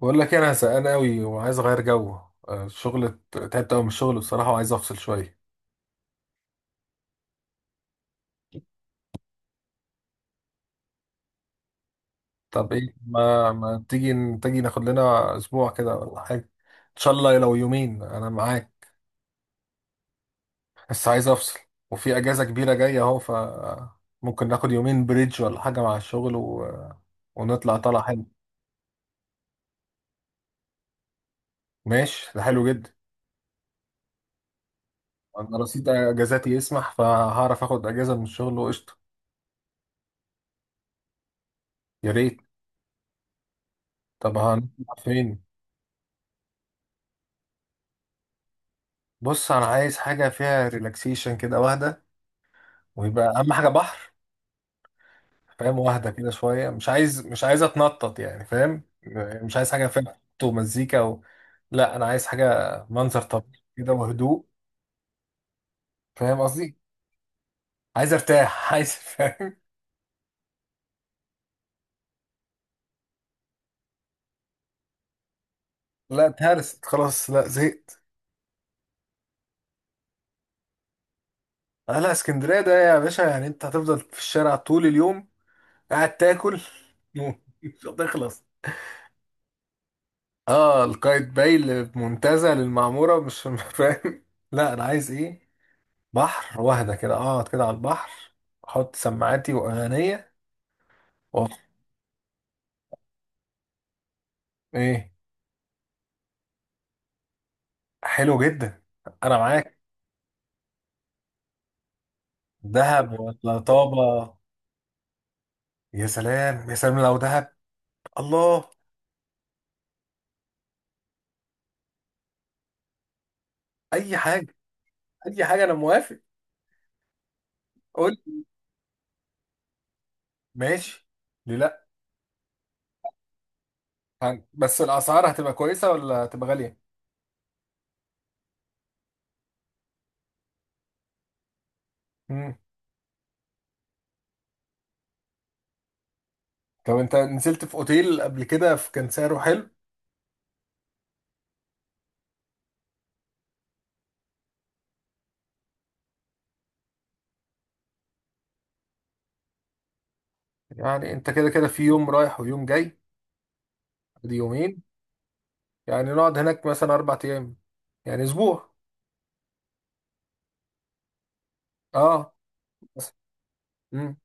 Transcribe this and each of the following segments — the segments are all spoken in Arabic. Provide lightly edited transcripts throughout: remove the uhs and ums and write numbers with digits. بقول لك إيه، انا زهقان قوي وعايز اغير جو. الشغل تعبت قوي من الشغل بصراحه وعايز افصل شويه. طب ايه ما تيجي ناخد لنا اسبوع كده ولا حاجه؟ ان شاء الله لو يومين انا معاك. بس عايز افصل. وفي اجازه كبيره جايه اهو ممكن ناخد يومين بريدج ولا حاجه مع الشغل ونطلع طلع حلو. ماشي ده حلو جدا. انا رصيد اجازاتي يسمح فهعرف اخد اجازه من الشغل وقشطه. يا ريت. طب هنطلع فين؟ بص انا عايز حاجه فيها ريلاكسيشن كده واحده ويبقى اهم حاجه بحر. فاهم واحده كده شويه مش عايز اتنطط يعني فاهم. مش عايز حاجه فيها خبط ومزيكا لا انا عايز حاجه منظر طبيعي كده وهدوء. فاهم قصدي. عايز ارتاح عايز فاهم. لا اتهرست خلاص لا زهقت. آه لا اسكندريه ده يا باشا يعني انت هتفضل في الشارع طول اليوم قاعد تاكل نوم مش هتخلص. اه القايتباي المنتزه للمعموره مش فاهم. لا انا عايز ايه؟ بحر واحدة كده اقعد كده على البحر احط سماعاتي واغانية و... ايه حلو جدا انا معاك. دهب ولا طابة؟ يا سلام يا سلام لو دهب. الله. اي حاجة. اي حاجة انا موافق. قول. ماشي. ليه لا. بس الاسعار هتبقى كويسة ولا هتبقى غالية؟ مم. طب انت نزلت في اوتيل قبل كده كان سعره حلو. يعني انت كده كده في يوم رايح ويوم جاي دي يومين. يعني نقعد هناك مثلا اربع ايام يعني اسبوع. اه. مم.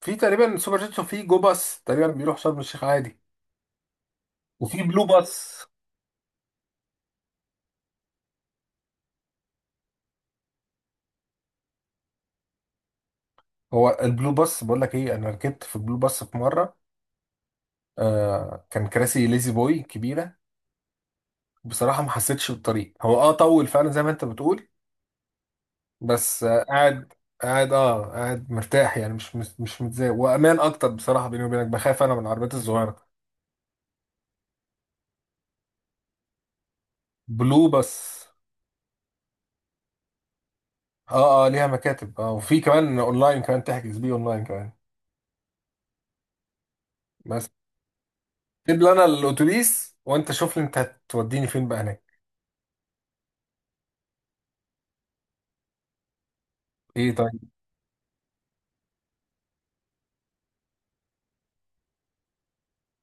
في تقريبا سوبر جيتسو في جو باص تقريبا بيروح شرم الشيخ عادي. وفي بلو باص. هو البلو باص بقول لك ايه انا ركبت في بلو باص في مره. آه كان كراسي ليزي بوي كبيره. بصراحه ما حسيتش بالطريق هو اه طول فعلا زي ما انت بتقول. بس آه قاعد قاعد اه قاعد مرتاح يعني مش متضايق وامان اكتر بصراحه بيني وبينك بخاف انا من العربيات الصغيره. بلو باص. اه اه ليها مكاتب اه وفي كمان اونلاين كمان تحجز بيه اونلاين كمان. بس جيب لي انا الاتوبيس وانت شوف لي انت هتوديني فين بقى هناك. ايه طيب.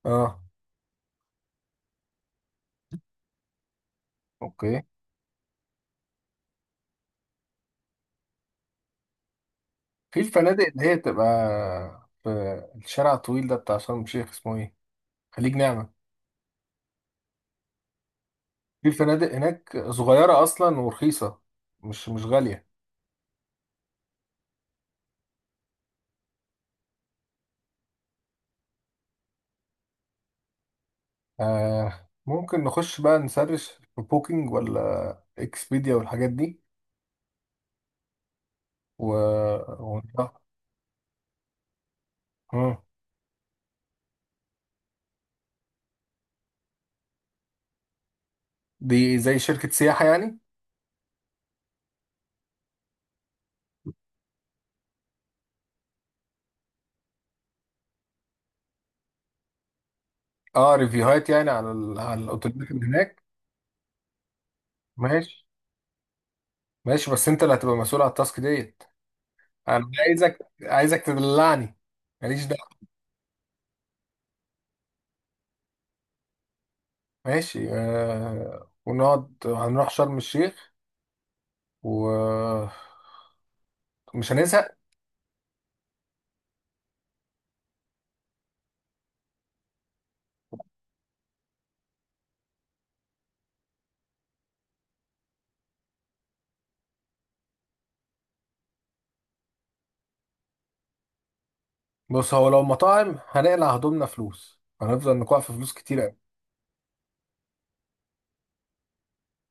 اه. اوكي. في الفنادق اللي هي بتبقى في الشارع الطويل ده بتاع شرم الشيخ اسمه ايه؟ خليج نعمة. في فنادق هناك صغيرة اصلا ورخيصة مش مش غالية. آه ممكن نخش بقى نسرش في بوكينج ولا اكسبيديا والحاجات دي و... و... آه. دي زي شركة سياحة يعني. اه ريفيوهات يعني على على الاوتيلات اللي هناك. ماشي ماشي بس انت اللي هتبقى مسؤول على التاسك ديت. انا عايزك تدلعني. ماليش دعوه. ماشي ونقعد هنروح شرم الشيخ ومش هنزهق. بص هو لو مطاعم هنقلع هدومنا فلوس هنفضل نقع في فلوس كتير قوي.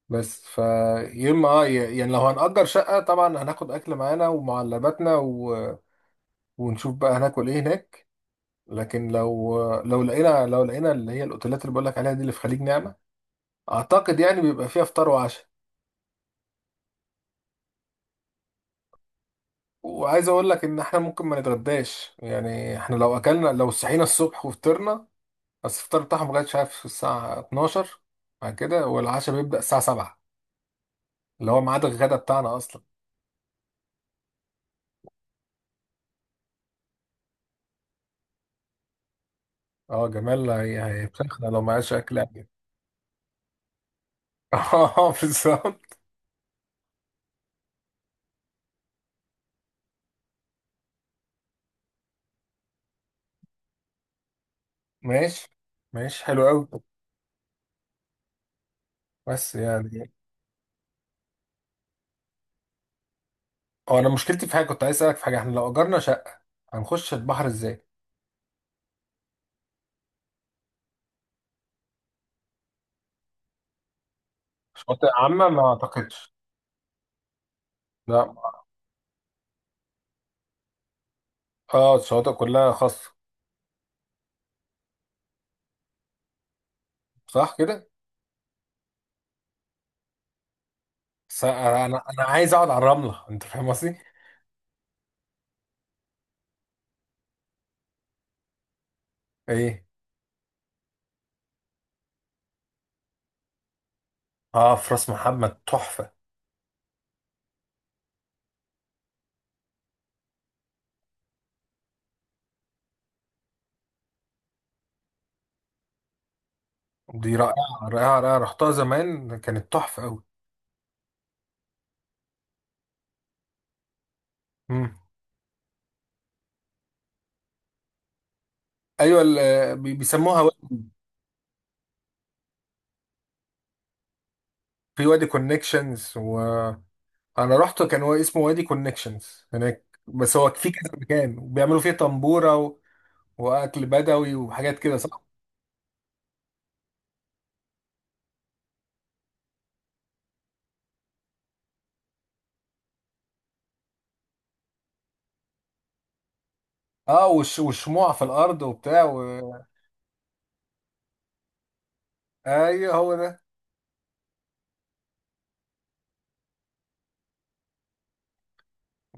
بس يا اما اه يعني لو هنأجر شقة طبعا هناخد أكل معانا ومعلباتنا ونشوف بقى هناكل إيه هناك. لكن لو لقينا لقينا اللي هي الأوتيلات اللي بقولك عليها دي اللي في خليج نعمة أعتقد يعني بيبقى فيها فطار وعشاء. وعايز اقول لك ان احنا ممكن ما نتغداش يعني احنا لو اكلنا لو صحينا الصبح وفطرنا بس الفطار بتاعهم لغايه شايف الساعه 12 بعد كده والعشاء بيبدا الساعه 7 اللي هو ميعاد الغدا بتاعنا اصلا. اه جمال هيفشخنا لو ما عادش اكل قبل اه بالظبط. ماشي ماشي حلو قوي. بس يعني هو انا مشكلتي في حاجه كنت عايز اسالك في حاجه احنا لو اجرنا شقه هنخش البحر ازاي؟ شواطئ عامه ما اعتقدش. لا. اه الشواطئ كلها خاصه. صح كده. بس انا عايز اقعد على الرمله انت فاهم قصدي. ايه. اه في راس محمد تحفه. دي رائعه. رائعه رائعه رحتها زمان كانت تحفه قوي. امم. ايوه بيسموها في وادي كونكشنز وانا رحت كان هو اسمه وادي كونكشنز هناك بس هو في كذا مكان وبيعملوا فيه طنبوره واكل بدوي وحاجات كده صح. اه وشموع في الارض وبتاع ايوه هو ده.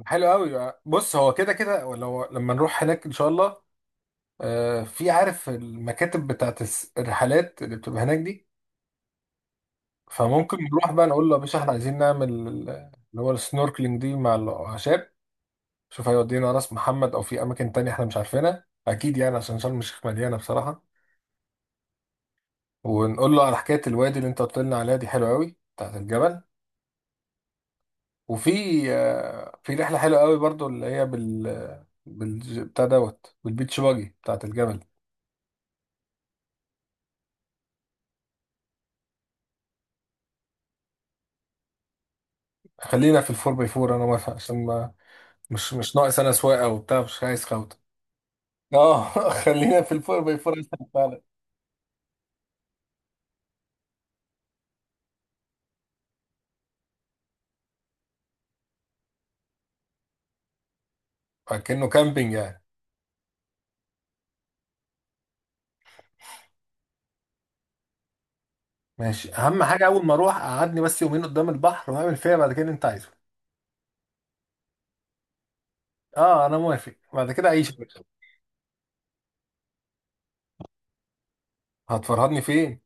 حلو قوي. بص هو كده كده لو لما نروح هناك ان شاء الله في عارف المكاتب بتاعت الرحلات اللي بتبقى هناك دي. فممكن نروح بقى نقول له يا باشا احنا عايزين نعمل اللي هو السنوركلينج دي مع الاعشاب. شوف هيودينا راس محمد او في اماكن تانية احنا مش عارفينها اكيد يعني عشان شرم الشيخ مليانه بصراحه. ونقول له على حكايه الوادي اللي انت قلت لنا عليها دي حلوه قوي بتاعت الجبل. وفي في رحله حلوه قوي برضو اللي هي بال بتاع دوت بالبيتش باجي بتاعت الجبل. خلينا في الفور باي فور انا موافق عشان ما مش مش ناقص انا سواقه وبتاع مش عايز خوت. اه خلينا في الفور باي فور أحسن فعلا. كأنه كامبينج يعني. ماشي اهم حاجه اول ما اروح اقعدني بس يومين قدام البحر واعمل فيها بعد كده اللي انت عايزه. اه انا موافق بعد كده عيش يا باشا. هتفرهدني فين؟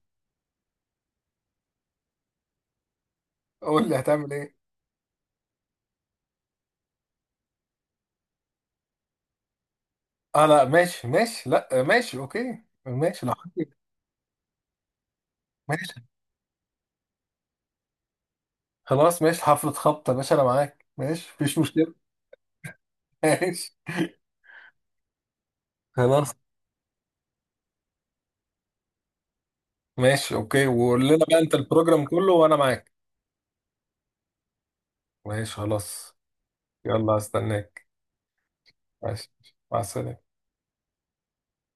قول لي هتعمل ايه. اه لا ماشي ماشي لا ماشي اوكي ماشي لو حبيت. ماشي خلاص ماشي حفله خبطه يا باشا انا معاك ماشي مفيش مشكله. ماشي خلاص. ماشي اوكي وقول لنا بقى انت البروجرام كله وانا معاك. ماشي خلاص. يلا هستناك. ماشي مع السلامه.